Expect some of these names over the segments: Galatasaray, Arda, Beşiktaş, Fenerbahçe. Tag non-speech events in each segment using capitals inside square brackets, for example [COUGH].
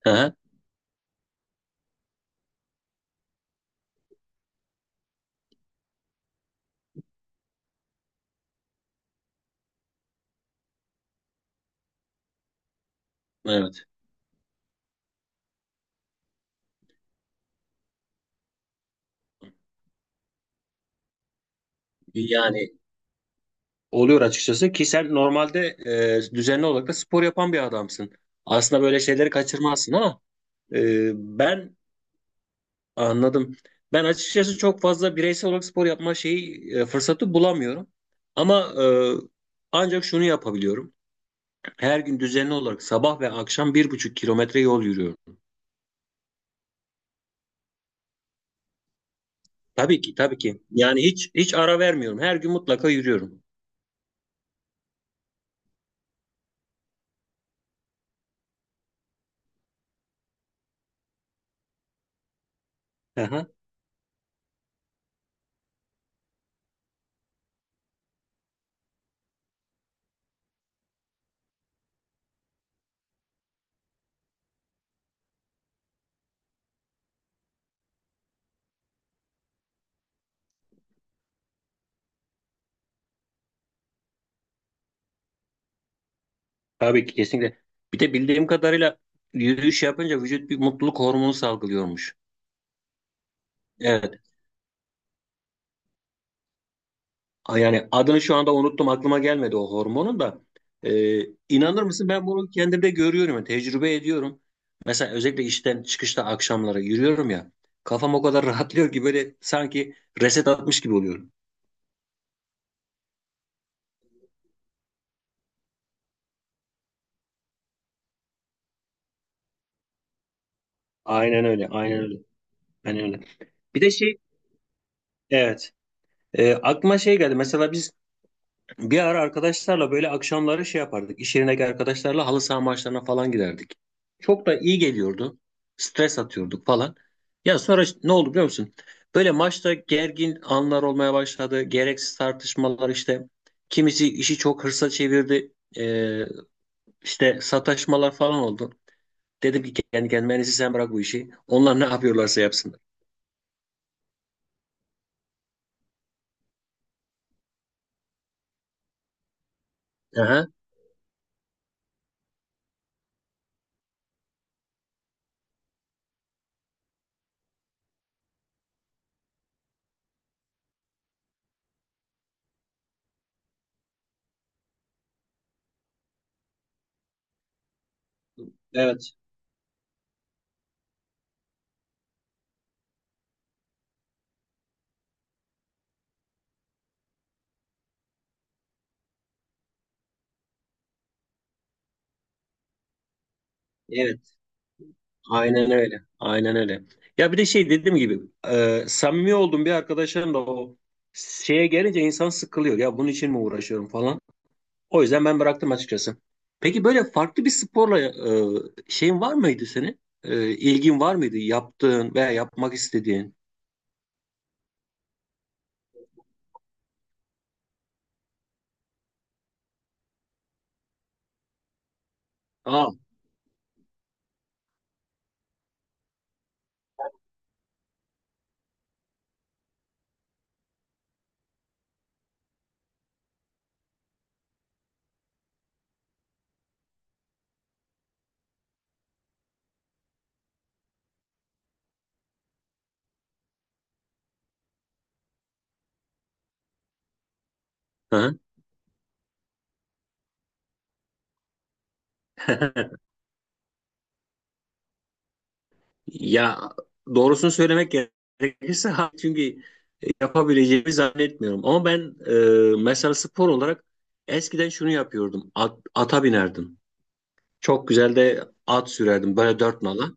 Hı hı, evet. Yani oluyor açıkçası ki sen normalde düzenli olarak da spor yapan bir adamsın. Aslında böyle şeyleri kaçırmazsın, ama ben anladım. Ben açıkçası çok fazla bireysel olarak spor yapma şeyi fırsatı bulamıyorum. Ama ancak şunu yapabiliyorum. Her gün düzenli olarak sabah ve akşam 1,5 km yol yürüyorum. Tabii ki, tabii ki. Yani hiç ara vermiyorum. Her gün mutlaka yürüyorum. Tabii ki kesinlikle. Bir de bildiğim kadarıyla yürüyüş yapınca vücut bir mutluluk hormonu salgılıyormuş. Evet. Yani adını şu anda unuttum, aklıma gelmedi o hormonun da. Ee, inanır mısın, ben bunu kendimde görüyorum yani tecrübe ediyorum. Mesela özellikle işten çıkışta akşamları yürüyorum ya. Kafam o kadar [LAUGHS] rahatlıyor ki, böyle sanki reset atmış gibi oluyorum. Aynen öyle, aynen öyle. Aynen öyle. Bir de şey, evet. Aklıma şey geldi. Mesela biz bir ara arkadaşlarla böyle akşamları şey yapardık. İş yerindeki arkadaşlarla halı saha maçlarına falan giderdik. Çok da iyi geliyordu. Stres atıyorduk falan. Ya sonra işte ne oldu biliyor musun? Böyle maçta gergin anlar olmaya başladı. Gereksiz tartışmalar işte. Kimisi işi çok hırsa çevirdi. Ee, işte sataşmalar falan oldu. Dedim ki kendi kendime, "En iyisi sen bırak bu işi. Onlar ne yapıyorlarsa yapsınlar. Aha. Evet. Evet. Aynen öyle. Aynen öyle. Ya bir de şey dediğim gibi samimi olduğum bir arkadaşım da o şeye gelince insan sıkılıyor. Ya bunun için mi uğraşıyorum falan. O yüzden ben bıraktım açıkçası. Peki böyle farklı bir sporla şeyin var mıydı senin? İlgin var mıydı? Yaptığın veya yapmak istediğin? Aa. Hı. [LAUGHS] Ya doğrusunu söylemek gerekirse ha, çünkü yapabileceğimi zannetmiyorum. Ama ben mesela spor olarak eskiden şunu yapıyordum. Ata binerdim. Çok güzel de at sürerdim böyle dört nala.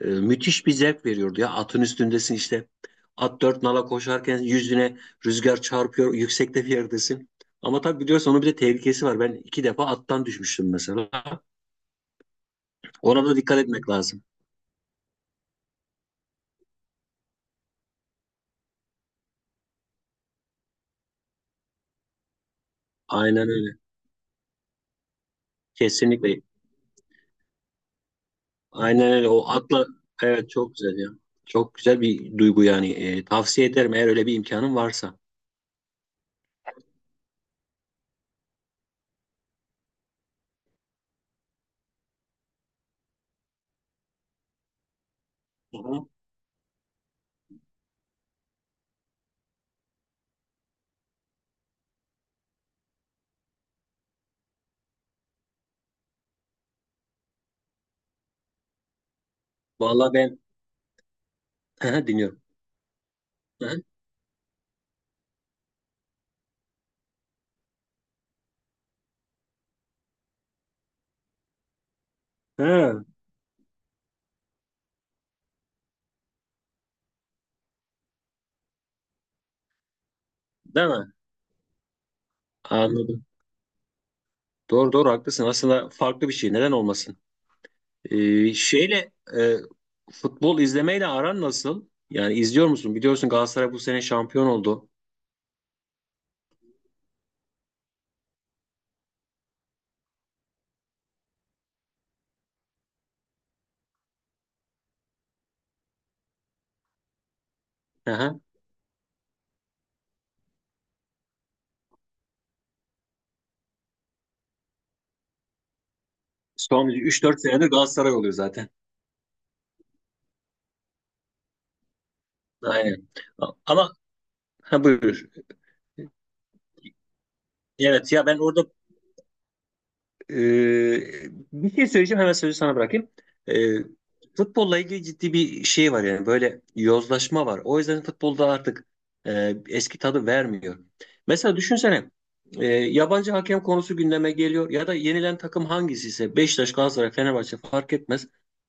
Müthiş bir zevk veriyordu ya, atın üstündesin işte. At dört nala koşarken yüzüne rüzgar çarpıyor, yüksekte bir yerdesin. Ama tabii biliyorsun, onun bir de tehlikesi var. Ben iki defa attan düşmüştüm mesela. Ona da dikkat etmek lazım. Aynen öyle. Kesinlikle. Aynen öyle. O atla, evet, çok güzel ya. Çok güzel bir duygu yani. Tavsiye ederim eğer öyle bir imkanın varsa. Hı hı. Vallahi ben [LAUGHS] dinliyorum. Hı hı. Ha, değil mi? Anladım. Doğru doğru haklısın. Aslında farklı bir şey. Neden olmasın? E, şeyle e, Futbol izlemeyle aran nasıl? Yani izliyor musun? Biliyorsun, Galatasaray bu sene şampiyon oldu. Hı hı. Son üç dört senedir Galatasaray oluyor zaten. Aynen. Ama ha, buyur. Evet ya, ben orada Ee, bir şey söyleyeceğim, hemen sözü sana bırakayım. Ee, Futbolla ilgili ciddi bir şey var, yani böyle yozlaşma var. O yüzden futbolda artık eski tadı vermiyor. Mesela düşünsene, yabancı hakem konusu gündeme geliyor ya da yenilen takım hangisi ise Beşiktaş, Galatasaray, Fenerbahçe fark etmez.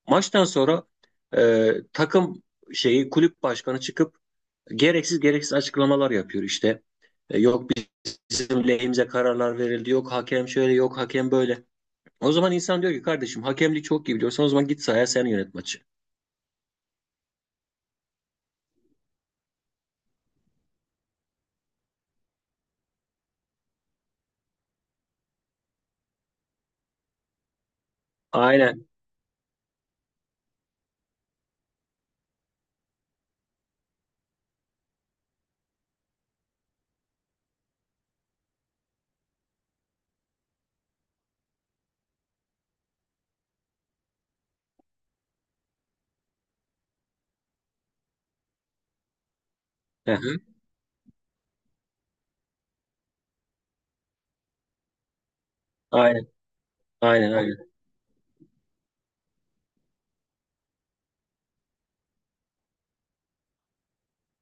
Maçtan sonra e, takım şeyi kulüp başkanı çıkıp gereksiz gereksiz açıklamalar yapıyor işte. Yok bizim lehimize kararlar verildi, yok hakem şöyle, yok hakem böyle. O zaman insan diyor ki, kardeşim, hakemlik çok iyi biliyorsan o zaman git sahaya sen yönet maçı. Aynen. Hı hı. Aynen. Aynen aynen.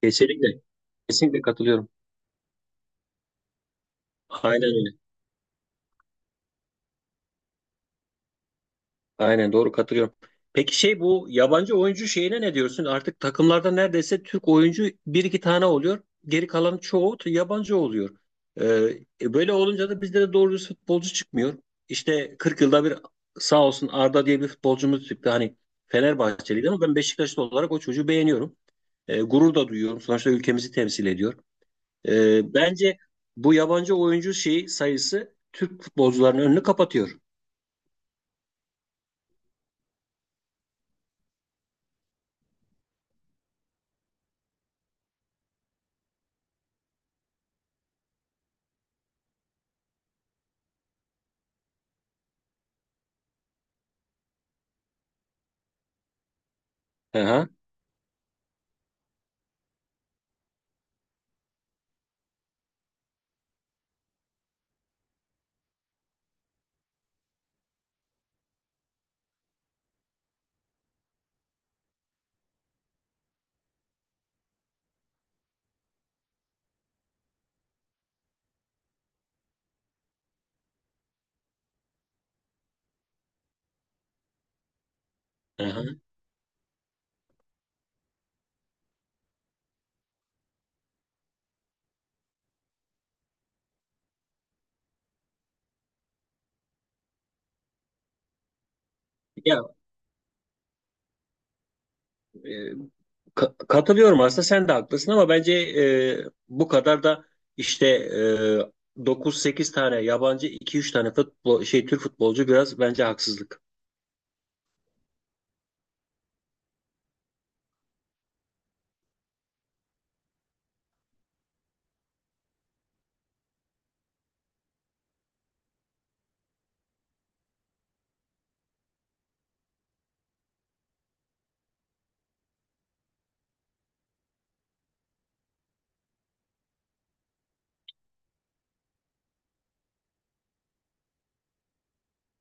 Kesinlikle. Kesinlikle katılıyorum. Aynen öyle. Aynen doğru katılıyorum. Peki şey, bu yabancı oyuncu şeyine ne diyorsun? Artık takımlarda neredeyse Türk oyuncu bir iki tane oluyor. Geri kalan çoğu yabancı oluyor. Ee, Böyle olunca da bizde de doğru düz futbolcu çıkmıyor. İşte 40 yılda bir sağ olsun Arda diye bir futbolcumuz çıktı. Hani Fenerbahçeliydi ama ben Beşiktaşlı olarak o çocuğu beğeniyorum. Gurur da duyuyorum. Sonuçta ülkemizi temsil ediyor. Bence bu yabancı oyuncu şeyi sayısı Türk futbolcularının önünü kapatıyor. Aha, aha. Ya e, katılıyorum aslında, sen de haklısın, ama bence bu kadar da işte 9-8 tane yabancı, iki üç tane futbol şey Türk futbolcu biraz bence haksızlık.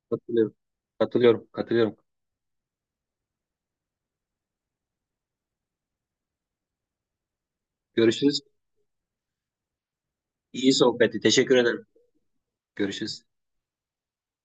Katılıyorum. Katılıyorum. Katılıyorum. Görüşürüz. İyi sohbetti. Teşekkür ederim. Görüşürüz.